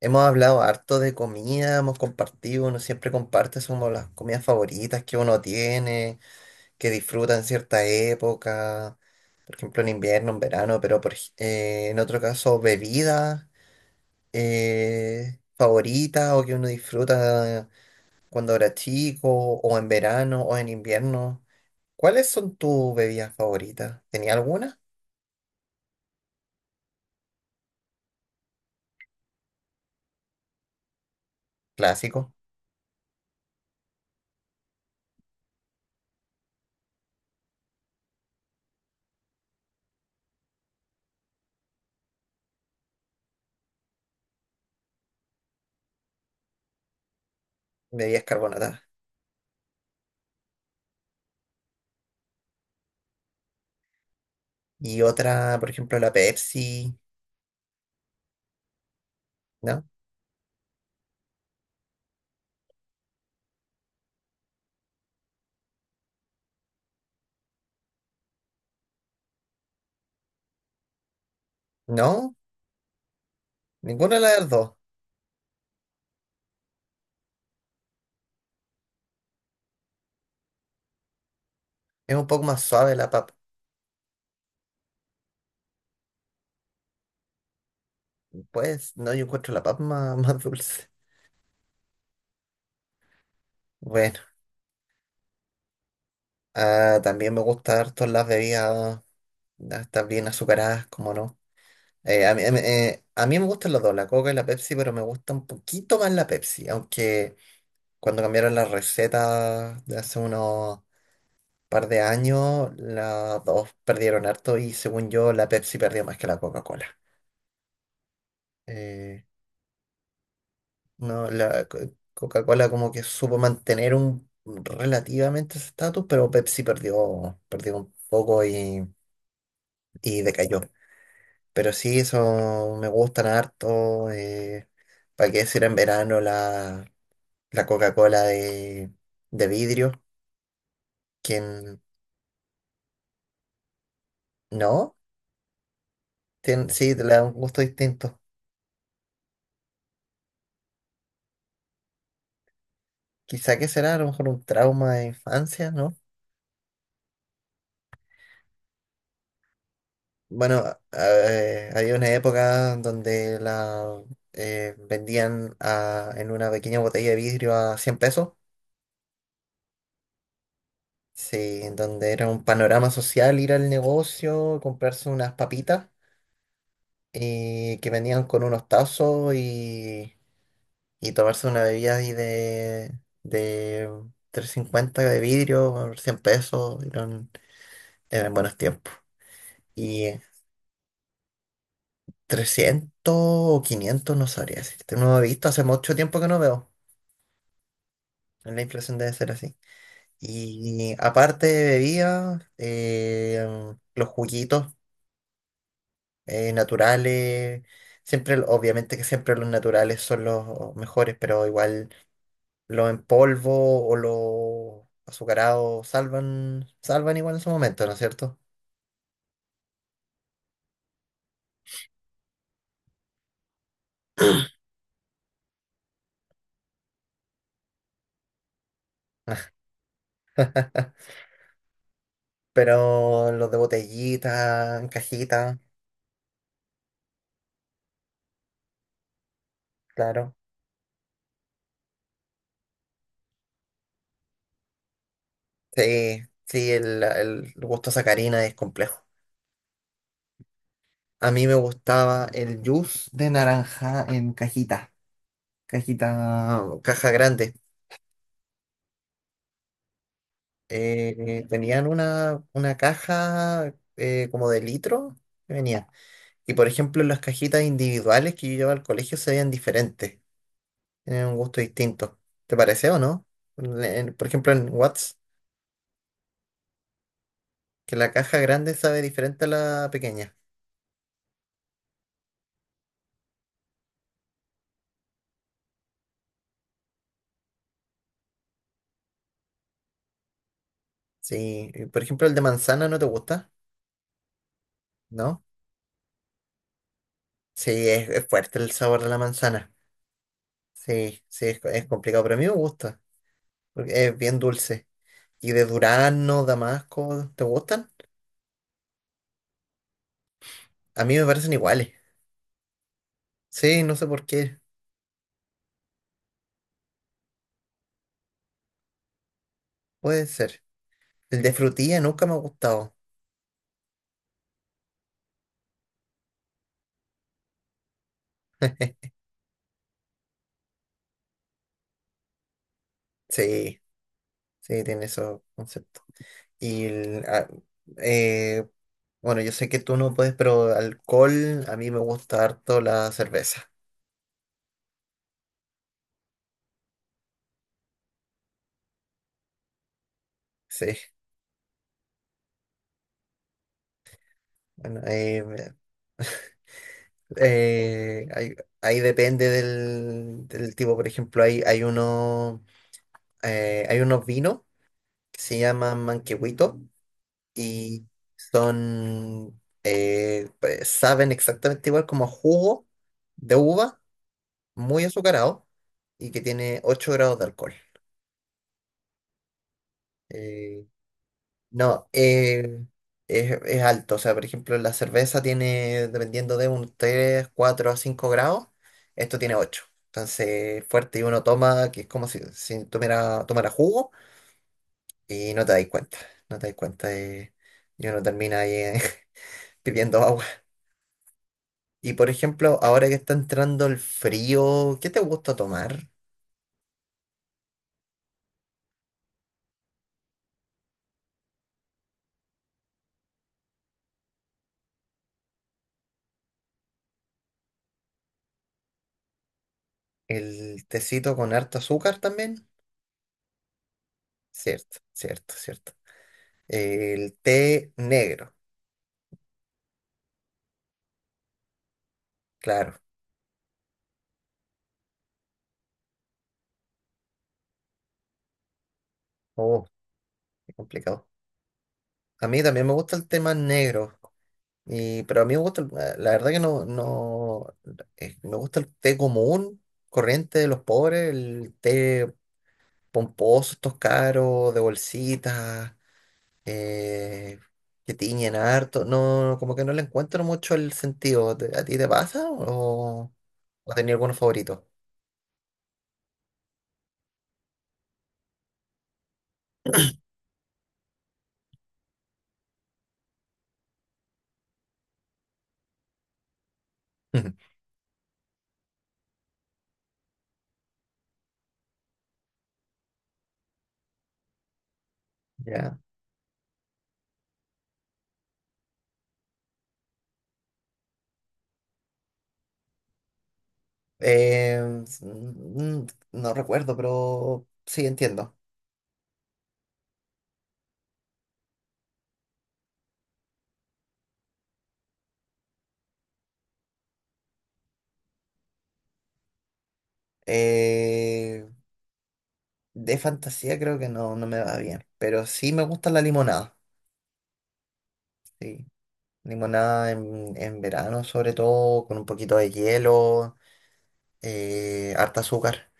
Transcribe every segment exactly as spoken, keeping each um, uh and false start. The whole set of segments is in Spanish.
Hemos hablado harto de comida, hemos compartido, uno siempre comparte somos las comidas favoritas que uno tiene, que disfruta en cierta época, por ejemplo en invierno, en verano, pero por, ej- eh, en otro caso bebidas eh, favoritas o que uno disfruta cuando era chico, o en verano, o en invierno. ¿Cuáles son tus bebidas favoritas? ¿Tenía alguna? Clásico, bebidas carbonatadas. Y otra, por ejemplo, la Pepsi, ¿no? ¿No? Ninguna de las dos. Es un poco más suave la papa. Pues no, yo encuentro la papa más, más dulce. Bueno, ah, también me gusta harto las bebidas, estas bien azucaradas, como no. Eh, a mí, a mí eh, a mí me gustan las dos, la Coca y la Pepsi, pero me gusta un poquito más la Pepsi, aunque cuando cambiaron las recetas de hace unos par de años, las dos perdieron harto y según yo la Pepsi perdió más que la Coca-Cola. Eh, No, la co- Coca-Cola como que supo mantener un relativamente ese estatus, pero Pepsi perdió, perdió un poco y, y decayó. Pero sí, eso me gustan harto. Eh, ¿para qué decir en verano la, la Coca-Cola de, de vidrio? ¿Quién no? Tien- sí, te le da un gusto distinto. Quizá que será a lo mejor un trauma de infancia, ¿no? Bueno, eh, había una época donde la eh, vendían a- en una pequeña botella de vidrio a cien pesos. Sí, en donde era un panorama social ir al negocio, comprarse unas papitas eh, que venían con unos tazos y, y tomarse una bebida ahí de, de trescientos cincuenta de vidrio por cien pesos. Eran, eran buenos tiempos. Y eh, trescientos o quinientos no sabría decirte. No he visto, hace mucho tiempo que no veo. La inflación debe ser así. Y aparte de bebidas, eh, los juguitos eh, naturales, siempre, obviamente que siempre los naturales son los mejores, pero igual los en polvo o los azucarados salvan, salvan igual en su momento, ¿no es cierto? Pero los de botellita, en cajita, claro. Sí, sí, el, el gusto sacarina es complejo. A mí me gustaba el juice de naranja en cajita, cajita, mm, caja grande. Eh, tenían una, una caja eh, como de litro que venía. Y por ejemplo, las cajitas individuales que yo llevaba al colegio se veían diferentes, tenían un gusto distinto. ¿Te parece o no? Le- en- por ejemplo, en Watts, que la caja grande sabe diferente a la pequeña. Sí, y por ejemplo, el de manzana no te gusta, ¿no? Sí, es es fuerte el sabor de la manzana. Sí, sí, es, es complicado, pero a mí me gusta, porque es bien dulce. ¿Y de durazno, damasco, te gustan? A mí me parecen iguales. Sí, no sé por qué, puede ser. El de frutilla nunca me ha gustado. Sí, sí, tiene esos conceptos. Y, el- ah, eh, bueno, yo sé que tú no puedes, pero alcohol, a mí me gusta harto la cerveza. Sí, bueno, eh, me- eh, ahí, ahí depende del, del tipo, por ejemplo, hay, hay uno... eh, hay unos vinos que se llaman manquehuitos y son, eh, pues, saben exactamente igual como a jugo de uva, muy azucarado y que tiene ocho grados de alcohol. Eh, no, eh, es, es alto, o sea, por ejemplo, la cerveza tiene, dependiendo de un tres cuatro a cinco grados, esto tiene ocho. Entonces, fuerte y uno toma, que es como si, si, tomara, tomara jugo. Y no te dais cuenta, no te dais cuenta de- y uno termina ahí eh, pidiendo agua. Y por ejemplo, ahora que está entrando el frío, ¿qué te gusta tomar? ¿El tecito con harto azúcar también? Cierto, cierto, cierto. El té negro, claro. Oh, qué complicado. A mí también me gusta el té más negro, y, pero a mí me gusta, el- la la verdad que no, no, eh, me gusta el té común, corriente de los pobres, el té pomposos estos caros, de bolsitas, eh, que tiñen harto. No, como que no le encuentro mucho el sentido. ¿Te- ¿A ti te pasa o, o tenías alguno favorito? Ya. Eh, s- mm, no recuerdo, pero sí entiendo. Eh, de fantasía creo que no, no me va bien, pero sí me gusta la limonada. Sí. Limonada en, en verano sobre todo, con un poquito de hielo, eh, harta azúcar.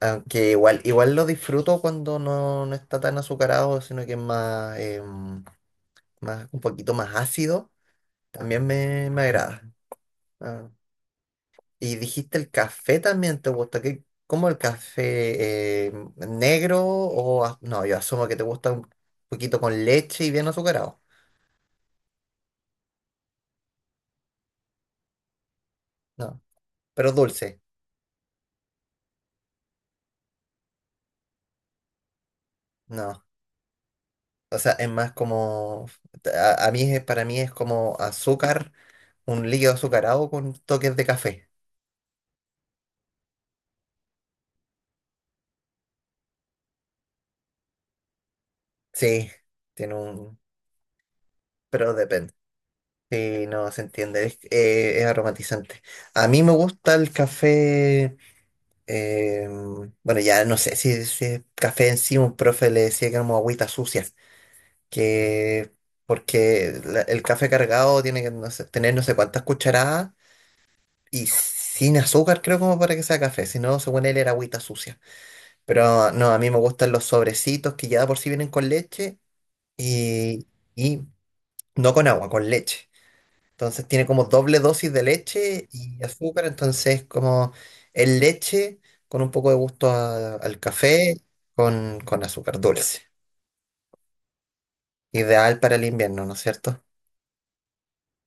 Aunque igual, igual lo disfruto cuando no, no está tan azucarado, sino que es más, em, más un poquito más ácido. También me, me agrada. Ah, Y dijiste el café también te gusta. ¿Qué, cómo el café em, negro o az- no, yo asumo que te gusta un poquito con leche y bien azucarado. No, pero dulce. No. O sea, es más como a, a mí es- para mí es como azúcar, un líquido azucarado con toques de café. Sí, tiene un pero depende. Sí, no se entiende, es, eh, es aromatizante. A mí me gusta el café, eh, bueno, ya no sé si, si es café en sí, un profe le decía que era como agüita sucia, que porque la- el café cargado tiene que no sé, tener no sé cuántas cucharadas y sin azúcar creo como para que sea café, si no, según él era agüita sucia. Pero no, a mí me gustan los sobrecitos que ya de por sí vienen con leche y, y no con agua, con leche. Entonces tiene como doble dosis de leche y azúcar, entonces como es leche con un poco de gusto a- al café con, con azúcar dulce. Ideal para el invierno, ¿no es cierto?